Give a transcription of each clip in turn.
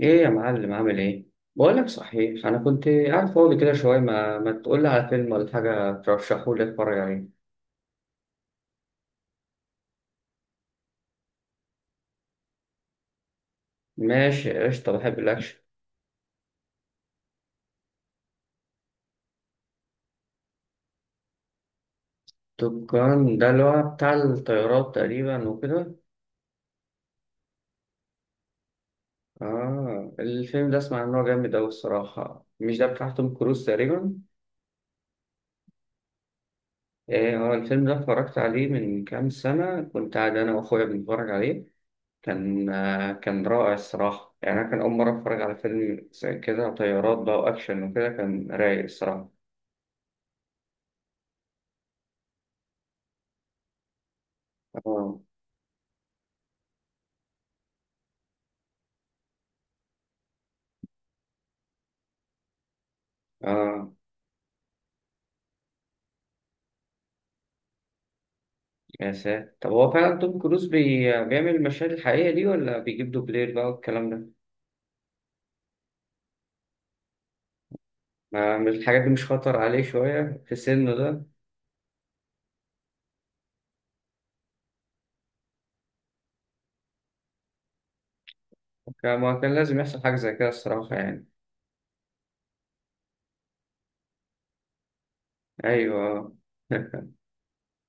ايه يا معلم عامل ايه؟ بقول لك صحيح، انا كنت قاعد فاضي كده شويه، ما تقول لي على فيلم ولا حاجه ترشحه لي اتفرج عليه؟ ماشي قشطه، بحب الاكشن. توب جان ده اللي هو بتاع الطيارات تقريبا وكده. اه الفيلم ده اسمع ان هو جامد اوي الصراحه، مش ده بتاع توم كروز تقريبا؟ ايه هو الفيلم ده اتفرجت عليه من كام سنه، كنت قاعد انا واخويا بنتفرج عليه. كان كان رائع الصراحه، يعني انا كان اول مره اتفرج على فيلم زي كده، طيارات بقى واكشن وكده، كان رايق الصراحه. اه. اه، يا ساتر، طب هو فعلا توم كروز بيعمل المشاهد الحقيقية دي ولا بيجيب دوبلير بقى والكلام ده؟ ما مش الحاجات دي مش خطر عليه شوية في سنه ده؟ ما كان لازم يحصل حاجة زي كده الصراحة يعني. أيوه.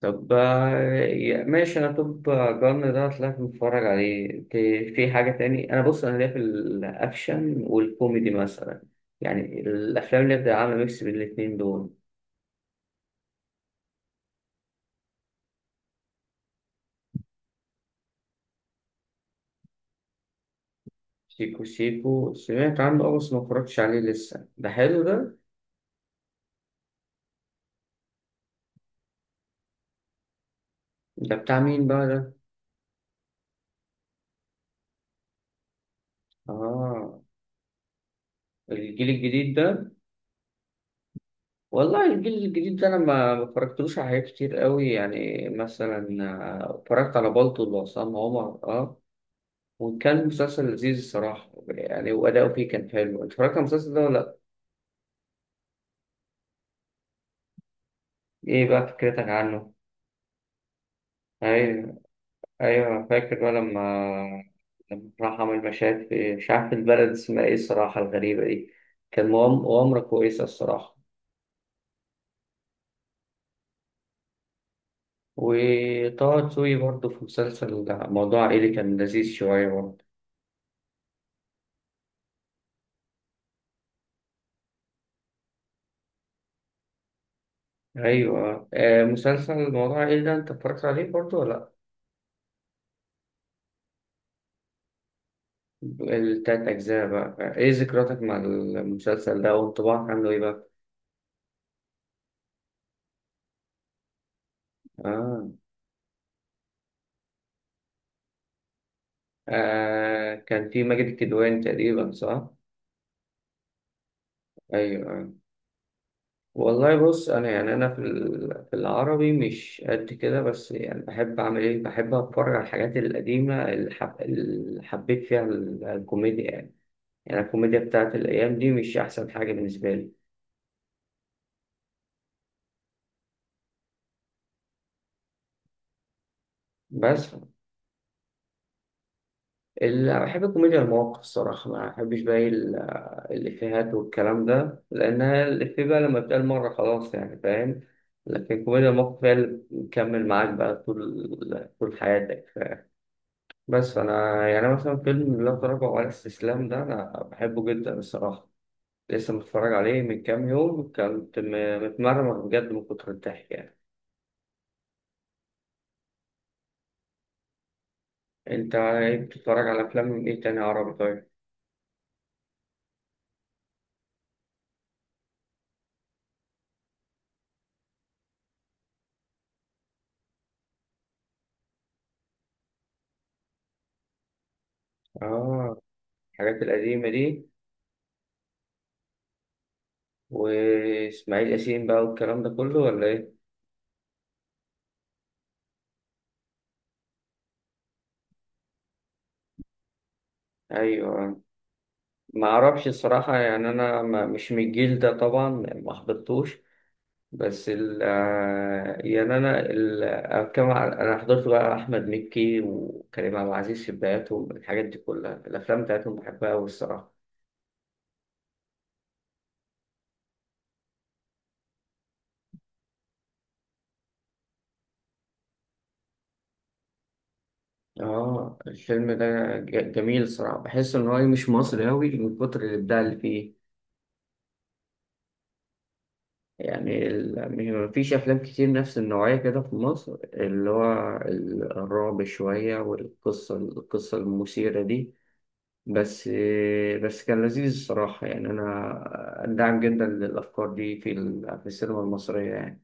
طب ماشي، أنا توب جن ده طلعت متفرج عليه. في حاجة تاني؟ أنا بص، أنا ليا في الأكشن والكوميدي مثلا، يعني الأفلام اللي بتبقى عاملة ميكس بين الاتنين دول. شيكو شيكو سمعت عنه اه، بس ما اتفرجتش عليه لسه. ده حلو ده؟ ده بتاع مين بقى ده؟ اه، الجيل الجديد ده. والله الجيل الجديد ده انا ما اتفرجتلوش على حاجات كتير قوي، يعني مثلا اتفرجت على بالطو وعصام عمر اه، وكان مسلسل لذيذ الصراحة يعني، وأداؤه فيه كان حلو. اتفرجت على المسلسل ده ولا لأ؟ ايه بقى فكرتك عنه؟ ايوه. ايوه انا فاكر بقى لما لما راح عمل مشاهد في، مش عارف البلد اسمها ايه الصراحه الغريبه دي، كان مغامره كويسه الصراحه. وطه دسوقي برضه في مسلسل موضوع عائلي، كان لذيذ شويه برضه. ايوه آه، مسلسل موضوع عائلي ده انت اتفرجت عليه برضه ولا؟ لا التلات اجزاء بقى، ايه ذكرياتك مع المسلسل ده وانطباعك عنه ايه بقى؟ آه. آه كان في ماجد الكدواني تقريبا، صح؟ ايوه. والله بص انا يعني، انا في في العربي مش قد كده، بس يعني بحب اعمل ايه، بحب اتفرج على الحاجات القديمه اللي حب... اللي حبيت فيها الكوميديا يعني. يعني الكوميديا بتاعت الايام دي مش احسن حاجه بالنسبه لي. بس اللي بحب الكوميديا المواقف الصراحه، ما بحبش بقى الافيهات والكلام ده، لانها الافيه بقى لما بتقال مره خلاص يعني، فاهم؟ لكن الكوميديا المواقف هي اللي بتكمل معاك بقى طول طول حياتك. بس انا يعني مثلا فيلم لا تراجع ولا استسلام ده انا بحبه جدا الصراحه، لسه متفرج عليه من كام يوم، كنت متمرمر بجد من كتر الضحك يعني. انت إيه بتتفرج على افلام من ايه تاني عربي طيب؟ اه الحاجات القديمه دي، واسماعيل ياسين بقى والكلام ده كله ولا ايه؟ ايوه. ما اعرفش الصراحه يعني، انا ما- مش من الجيل ده طبعا، ما حضرتوش. بس ال يعني أنا أنا حضرت بقى أحمد مكي وكريم عبد العزيز في بداياتهم، الحاجات دي كلها الأفلام بتاعتهم بحبها أوي الصراحة. آه الفيلم ده جميل الصراحة، بحس إن هو مش مصري أوي من كتر الإبداع اللي فيه. يعني مفيش أفلام كتير نفس النوعية كده في مصر، اللي هو الرعب شوية، والقصة القصة المثيرة دي. بس. بس كان لذيذ الصراحة يعني، أنا داعم جدا للأفكار دي في في السينما المصرية يعني.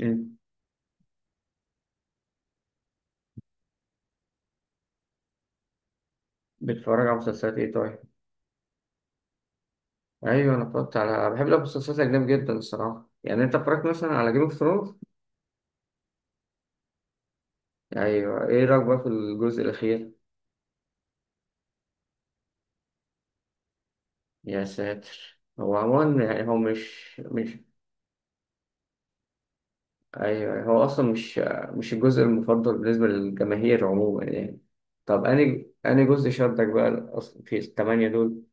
أنت بتتفرج على مسلسلات إيه طيب؟ أيوة أنا اتفرجت على، بحب المسلسلات الأجنبي جدا الصراحة يعني. أنت اتفرجت مثلا على جيم اوف ثرونز؟ أيوة، إيه رأيك بقى في الجزء الأخير؟ يا ساتر، هو عموما يعني هو مش. أيوة هو أصلا مش، مش الجزء المفضل بالنسبة للجماهير عموما يعني. طب أنهي أنهي جزء شدك بقى أصلا في الثمانية دول؟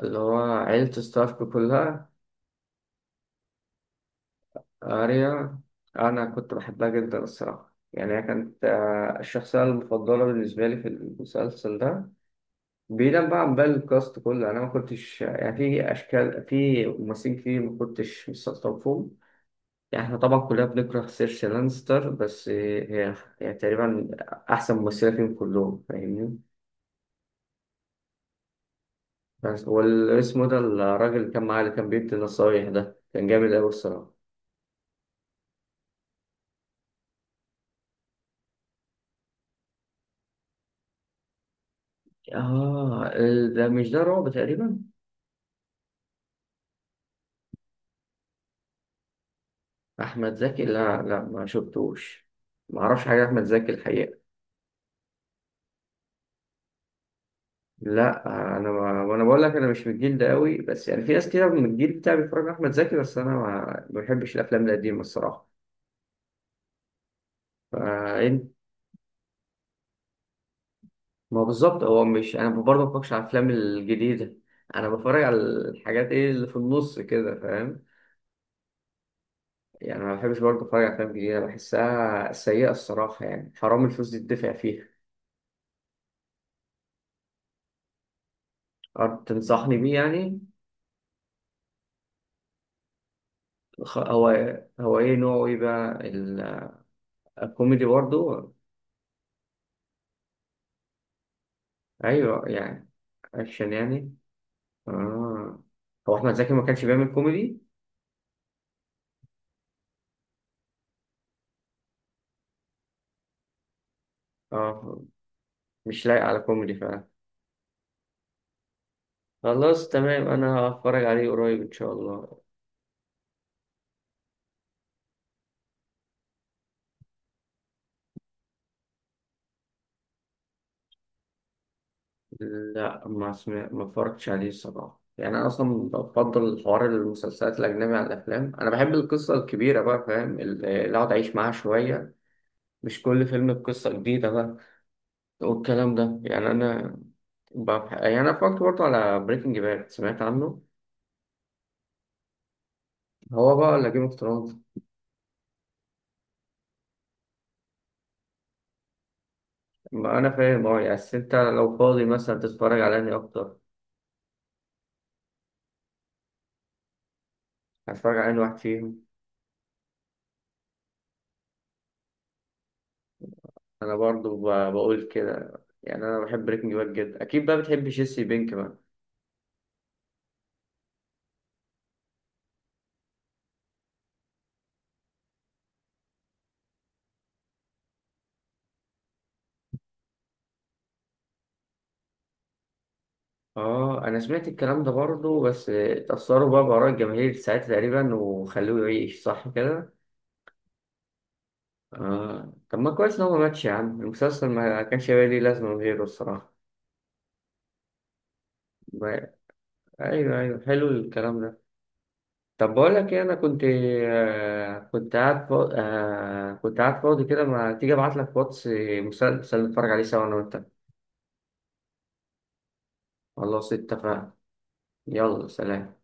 اللي هو عيلة ستارك كلها. أريا، أنا كنت بحبها جدا الصراحة يعني، هي كانت الشخصية المفضلة بالنسبة لي في المسلسل ده. بعيدا بقى عن باقي الكاست كله، أنا ما كنتش يعني، في أشكال في ممثلين كتير ما كنتش مستلطفهم فيهم. يعني إحنا طبعا كلنا بنكره سيرسي لانستر، بس هي هي تقريبا أحسن ممثلة فيهم كلهم، فاهمني؟ بس والاسم ده الراجل اللي كان معاه اللي كان بيدي النصايح ده كان جامد أوي الصراحة. اه ده مش ده رعب تقريبا؟ احمد زكي، لا لا ما شفتوش، ما اعرفش حاجه احمد زكي الحقيقه. لا، انا ما انا بقول لك، انا مش من الجيل ده قوي، بس يعني في ناس كده من الجيل بتاعي بيتفرجوا على احمد زكي، بس انا ما بحبش الافلام القديمه الصراحه، فإن- ما هو بالظبط. هو مش انا برضه ما بتفرجش على الافلام الجديده، انا بتفرج على الحاجات ايه اللي في النص كده، فاهم؟ يعني ما بحبش برضه اتفرج على افلام جديده بحسها سيئه الصراحه، يعني حرام الفلوس دي تدفع فيها. أه، تنصحني بيه يعني. هو، هو ايه نوعه، ايه بقى الكوميدي برضو؟ ايوه يعني. اكشن يعني. اه، هو احمد زكي ما كانش بيعمل كوميدي. اه مش لايق على كوميدي فعلا. خلاص تمام، انا هتفرج عليه قريب ان شاء الله. لا ما اتفرجتش عليه الصراحه يعني، انا اصلا بفضل حوار المسلسلات الاجنبي عن الافلام، انا بحب القصه الكبيره بقى فاهم، اللي اقعد اعيش معاها شويه، مش كل فيلم بقصه جديده بقى والكلام ده يعني. انا يعني انا فكرت برضه على بريكنج باد، سمعت عنه؟ هو بقى ولا جيم اوف ثرونز؟ ما انا فاهم اه يعني، بس انت لو فاضي مثلا تتفرج على انهي اكتر، هتتفرج على انهي واحد فيهم؟ انا برضه بقول كده، يعني انا بحب بريكنج باد جدا، اكيد بقى بتحب جيسي بينك بقى. اه انا سمعت الكلام ده برضه، بس اتأثروا بقى بآراء الجماهير ساعتها تقريبا وخلوه يعيش، صح كده؟ اه طب ما كويس ان هو ما ماتش يا عم، المسلسل ما كانش هيبقى ليه لازمة من غيره الصراحة. ايوه ايوه حلو الكلام ده. طب بقول لك ايه، انا كنت آه كنت قاعد فاضي، كده، ما تيجي ابعت لك واتس مسلسل نتفرج عليه سوا انا وانت. خلاص اتفقنا. يلا سلام.